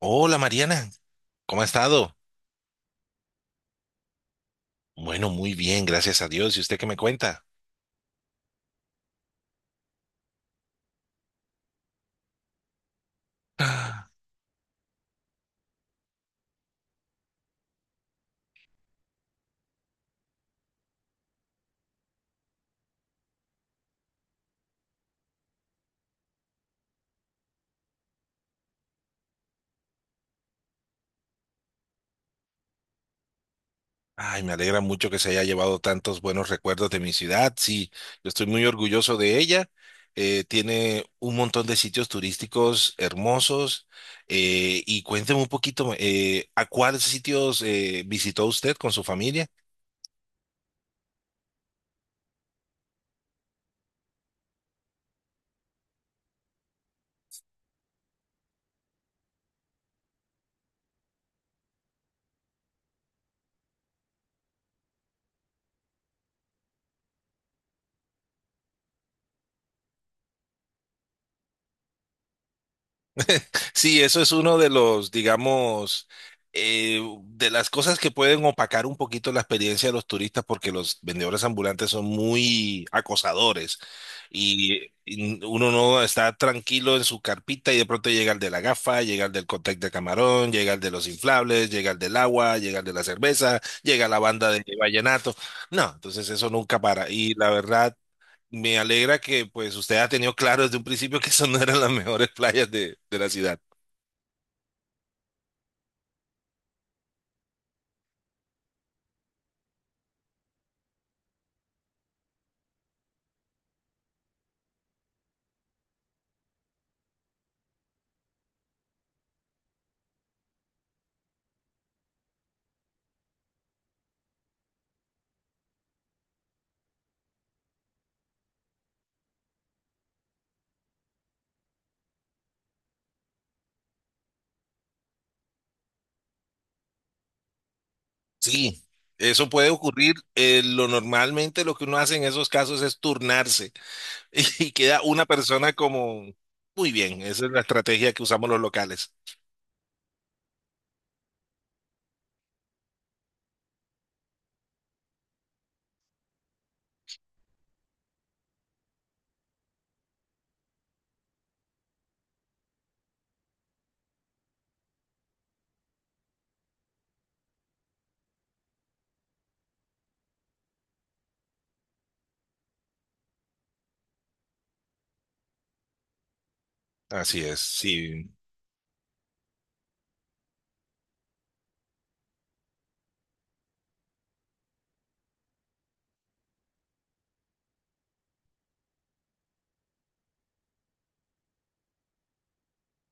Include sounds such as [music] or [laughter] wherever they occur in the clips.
Hola Mariana, ¿cómo ha estado? Bueno, muy bien, gracias a Dios. ¿Y usted qué me cuenta? Ah. Ay, me alegra mucho que se haya llevado tantos buenos recuerdos de mi ciudad. Sí, yo estoy muy orgulloso de ella. Tiene un montón de sitios turísticos hermosos. Y cuénteme un poquito, ¿a cuáles sitios visitó usted con su familia? Sí, eso es uno de los, digamos, de las cosas que pueden opacar un poquito la experiencia de los turistas porque los vendedores ambulantes son muy acosadores y uno no está tranquilo en su carpita y de pronto llega el de la gafa, llega el del cóctel de camarón, llega el de los inflables, llega el del agua, llega el de la cerveza, llega la banda de vallenato. No, entonces eso nunca para y la verdad... Me alegra que pues usted ha tenido claro desde un principio que eso no eran las mejores playas de la ciudad. Sí, eso puede ocurrir. Lo normalmente lo que uno hace en esos casos es turnarse [laughs] y queda una persona como... Muy bien, esa es la estrategia que usamos los locales. Así es, sí.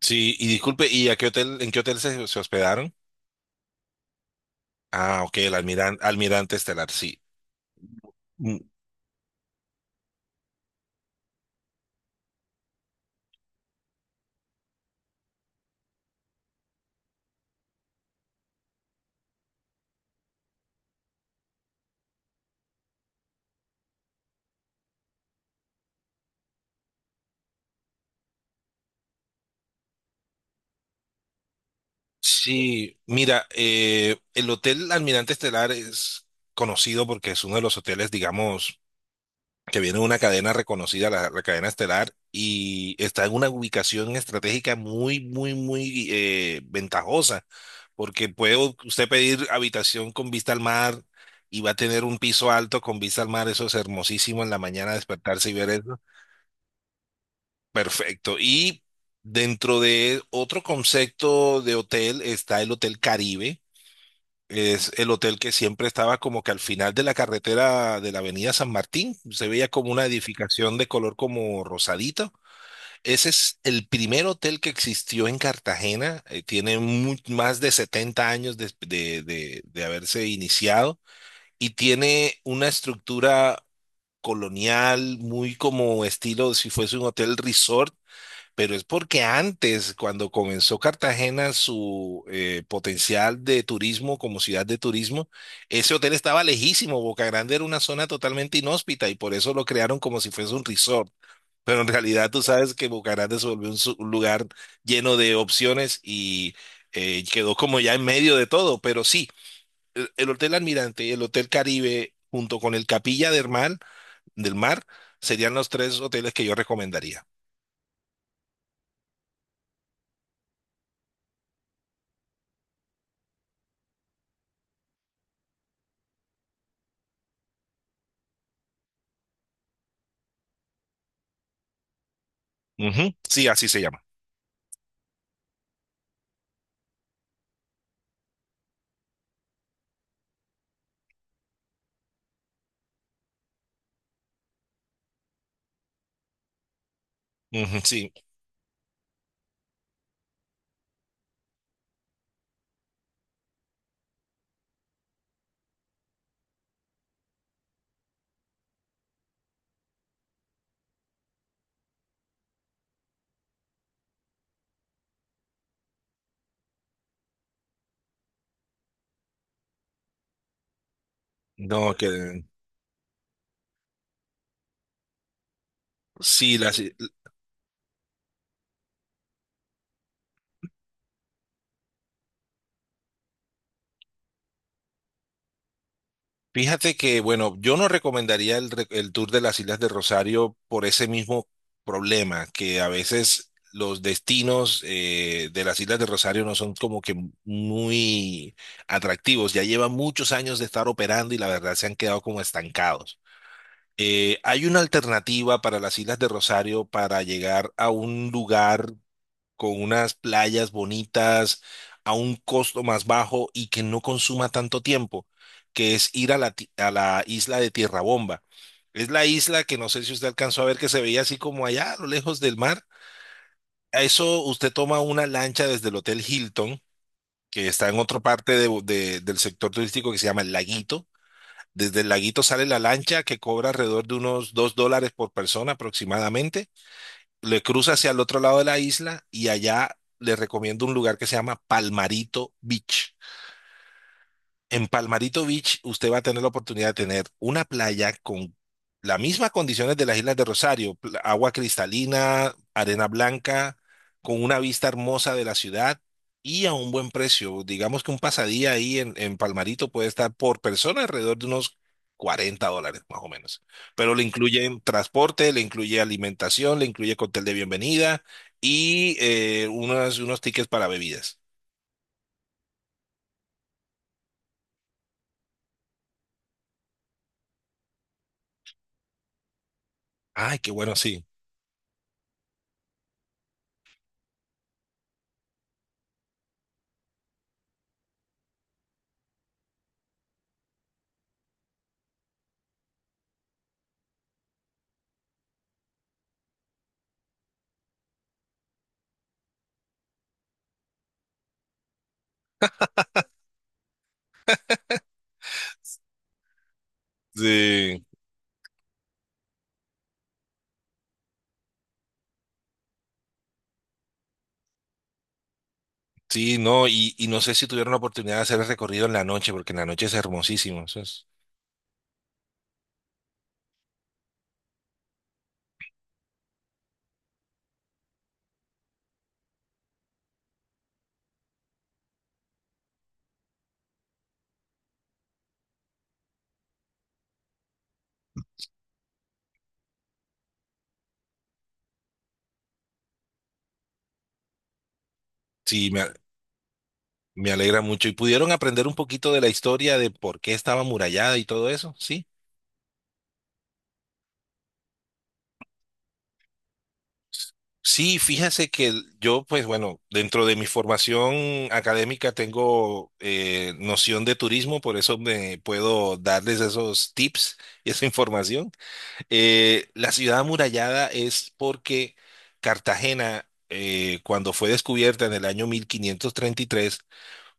Sí, y disculpe, ¿y a qué hotel, en qué hotel se, se hospedaron? Ah, ok, el Almiran- Almirante Estelar, sí. Sí, mira, el Hotel Almirante Estelar es conocido porque es uno de los hoteles, digamos, que viene de una cadena reconocida, la cadena estelar, y está en una ubicación estratégica muy, muy, muy ventajosa, porque puede u- usted pedir habitación con vista al mar y va a tener un piso alto con vista al mar, eso es hermosísimo en la mañana despertarse y ver eso. Perfecto. Y dentro de otro concepto de hotel está el Hotel Caribe, es el hotel que siempre estaba como que al final de la carretera de la avenida San Martín, se veía como una edificación de color como rosadito. Ese es el primer hotel que existió en Cartagena, tiene mu- más de 70 años de haberse iniciado y tiene una estructura colonial muy como estilo si fuese un hotel resort, pero es porque antes, cuando comenzó Cartagena su potencial de turismo como ciudad de turismo, ese hotel estaba lejísimo. Boca Grande era una zona totalmente inhóspita y por eso lo crearon como si fuese un resort. Pero en realidad tú sabes que Boca Grande se volvió un, su- un lugar lleno de opciones y quedó como ya en medio de todo. Pero sí, el Hotel Almirante y el Hotel Caribe junto con el Capilla del Mar serían los tres hoteles que yo recomendaría. Ujú. Sí, así se llama. Ujú. Sí, no, que sí, las, fíjate que, bueno, yo no recomendaría el, re- el tour de las Islas de Rosario por ese mismo problema, que a veces los destinos de las Islas de Rosario no son como que muy atractivos, ya llevan muchos años de estar operando y la verdad se han quedado como estancados. Hay una alternativa para las Islas de Rosario para llegar a un lugar con unas playas bonitas a un costo más bajo y que no consuma tanto tiempo, que es ir a la, ti- a la isla de Tierra Bomba. Es la isla que no sé si usted alcanzó a ver que se veía así como allá a lo lejos del mar. A eso usted toma una lancha desde el Hotel Hilton, que está en otra parte de- Bo- de- del sector turístico que se llama el Laguito. Desde el Laguito sale la lancha que cobra alrededor de unos $2 por persona aproximadamente, le cruza hacia el otro lado de la isla y allá le recomiendo un lugar que se llama Palmarito Beach. En Palmarito Beach, usted va a tener la oportunidad de tener una playa con las mismas condiciones de las Islas de Rosario, pl- agua cristalina, arena blanca, con una vista hermosa de la ciudad y a un buen precio. Digamos que un pasadía ahí en Palmarito puede estar por persona alrededor de unos $40 más o menos. Pero le incluye transporte, le incluye alimentación, le incluye cóctel de bienvenida y unos, unos tickets para bebidas. Ay, qué bueno, sí. Sí. Sí, no, y no sé si tuvieron la oportunidad de hacer el recorrido en la noche, porque en la noche es hermosísimo. Eso es- sí, me, a- me alegra mucho. ¿Y pudieron aprender un poquito de la historia de por qué estaba amurallada y todo eso? Sí. Sí, fíjese que el- yo, pues bueno, dentro de mi formación académica tengo noción de turismo, por eso me puedo darles esos tips y esa información. La ciudad amurallada es porque Cartagena, cuando fue descubierta en el año 1533,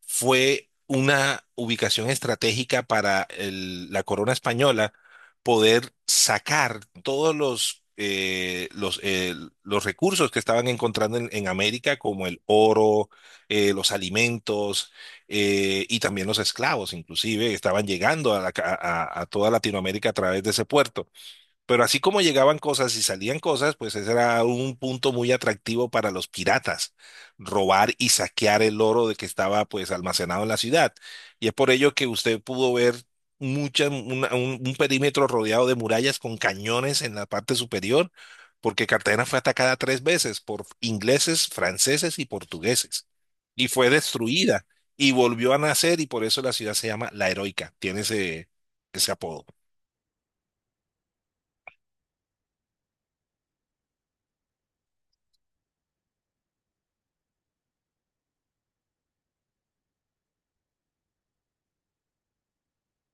fue una ubicación estratégica para el- la corona española poder sacar todos los recursos que estaban encontrando en América, como el oro, los alimentos y también los esclavos, inclusive, estaban llegando a la ca- a toda Latinoamérica a través de ese puerto. Pero así como llegaban cosas y salían cosas, pues ese era un punto muy atractivo para los piratas, robar y saquear el oro de que estaba pues almacenado en la ciudad. Y es por ello que usted pudo ver mucha, una- un perímetro rodeado de murallas con cañones en la parte superior, porque Cartagena fue atacada tres veces por ingleses, franceses y portugueses. Y fue destruida y volvió a nacer y por eso la ciudad se llama La Heroica, tiene ese, ese apodo.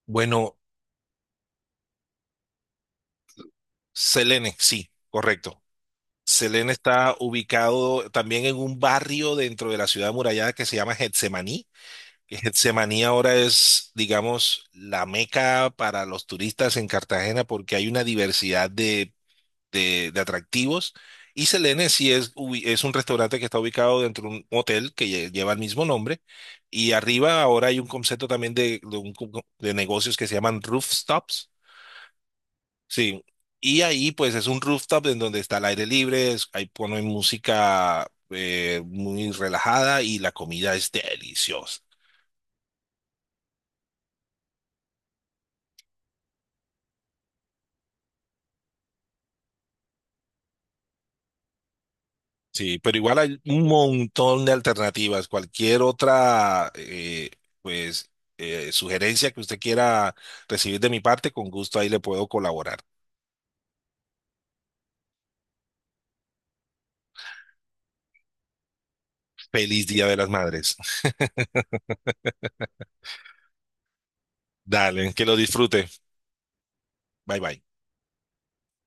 Bueno, Selene, sí, correcto. Selene está ubicado también en un barrio dentro de la ciudad amurallada que se llama Getsemaní, que Getsemaní ahora es, digamos, la meca para los turistas en Cartagena porque hay una diversidad de atractivos. Y Selene sí es, ubi- es un restaurante que está ubicado dentro de un hotel que lle- lleva el mismo nombre. Y arriba ahora hay un concepto también de un co- de negocios que se llaman rooftops. Sí, y ahí pues es un rooftop en donde está el aire libre, es- ahí ponen música muy relajada y la comida es deliciosa. Sí, pero igual hay un montón de alternativas. Cualquier otra pues sugerencia que usted quiera recibir de mi parte, con gusto ahí le puedo colaborar. Feliz Día de las Madres. [laughs] Dale, que lo disfrute. Bye bye.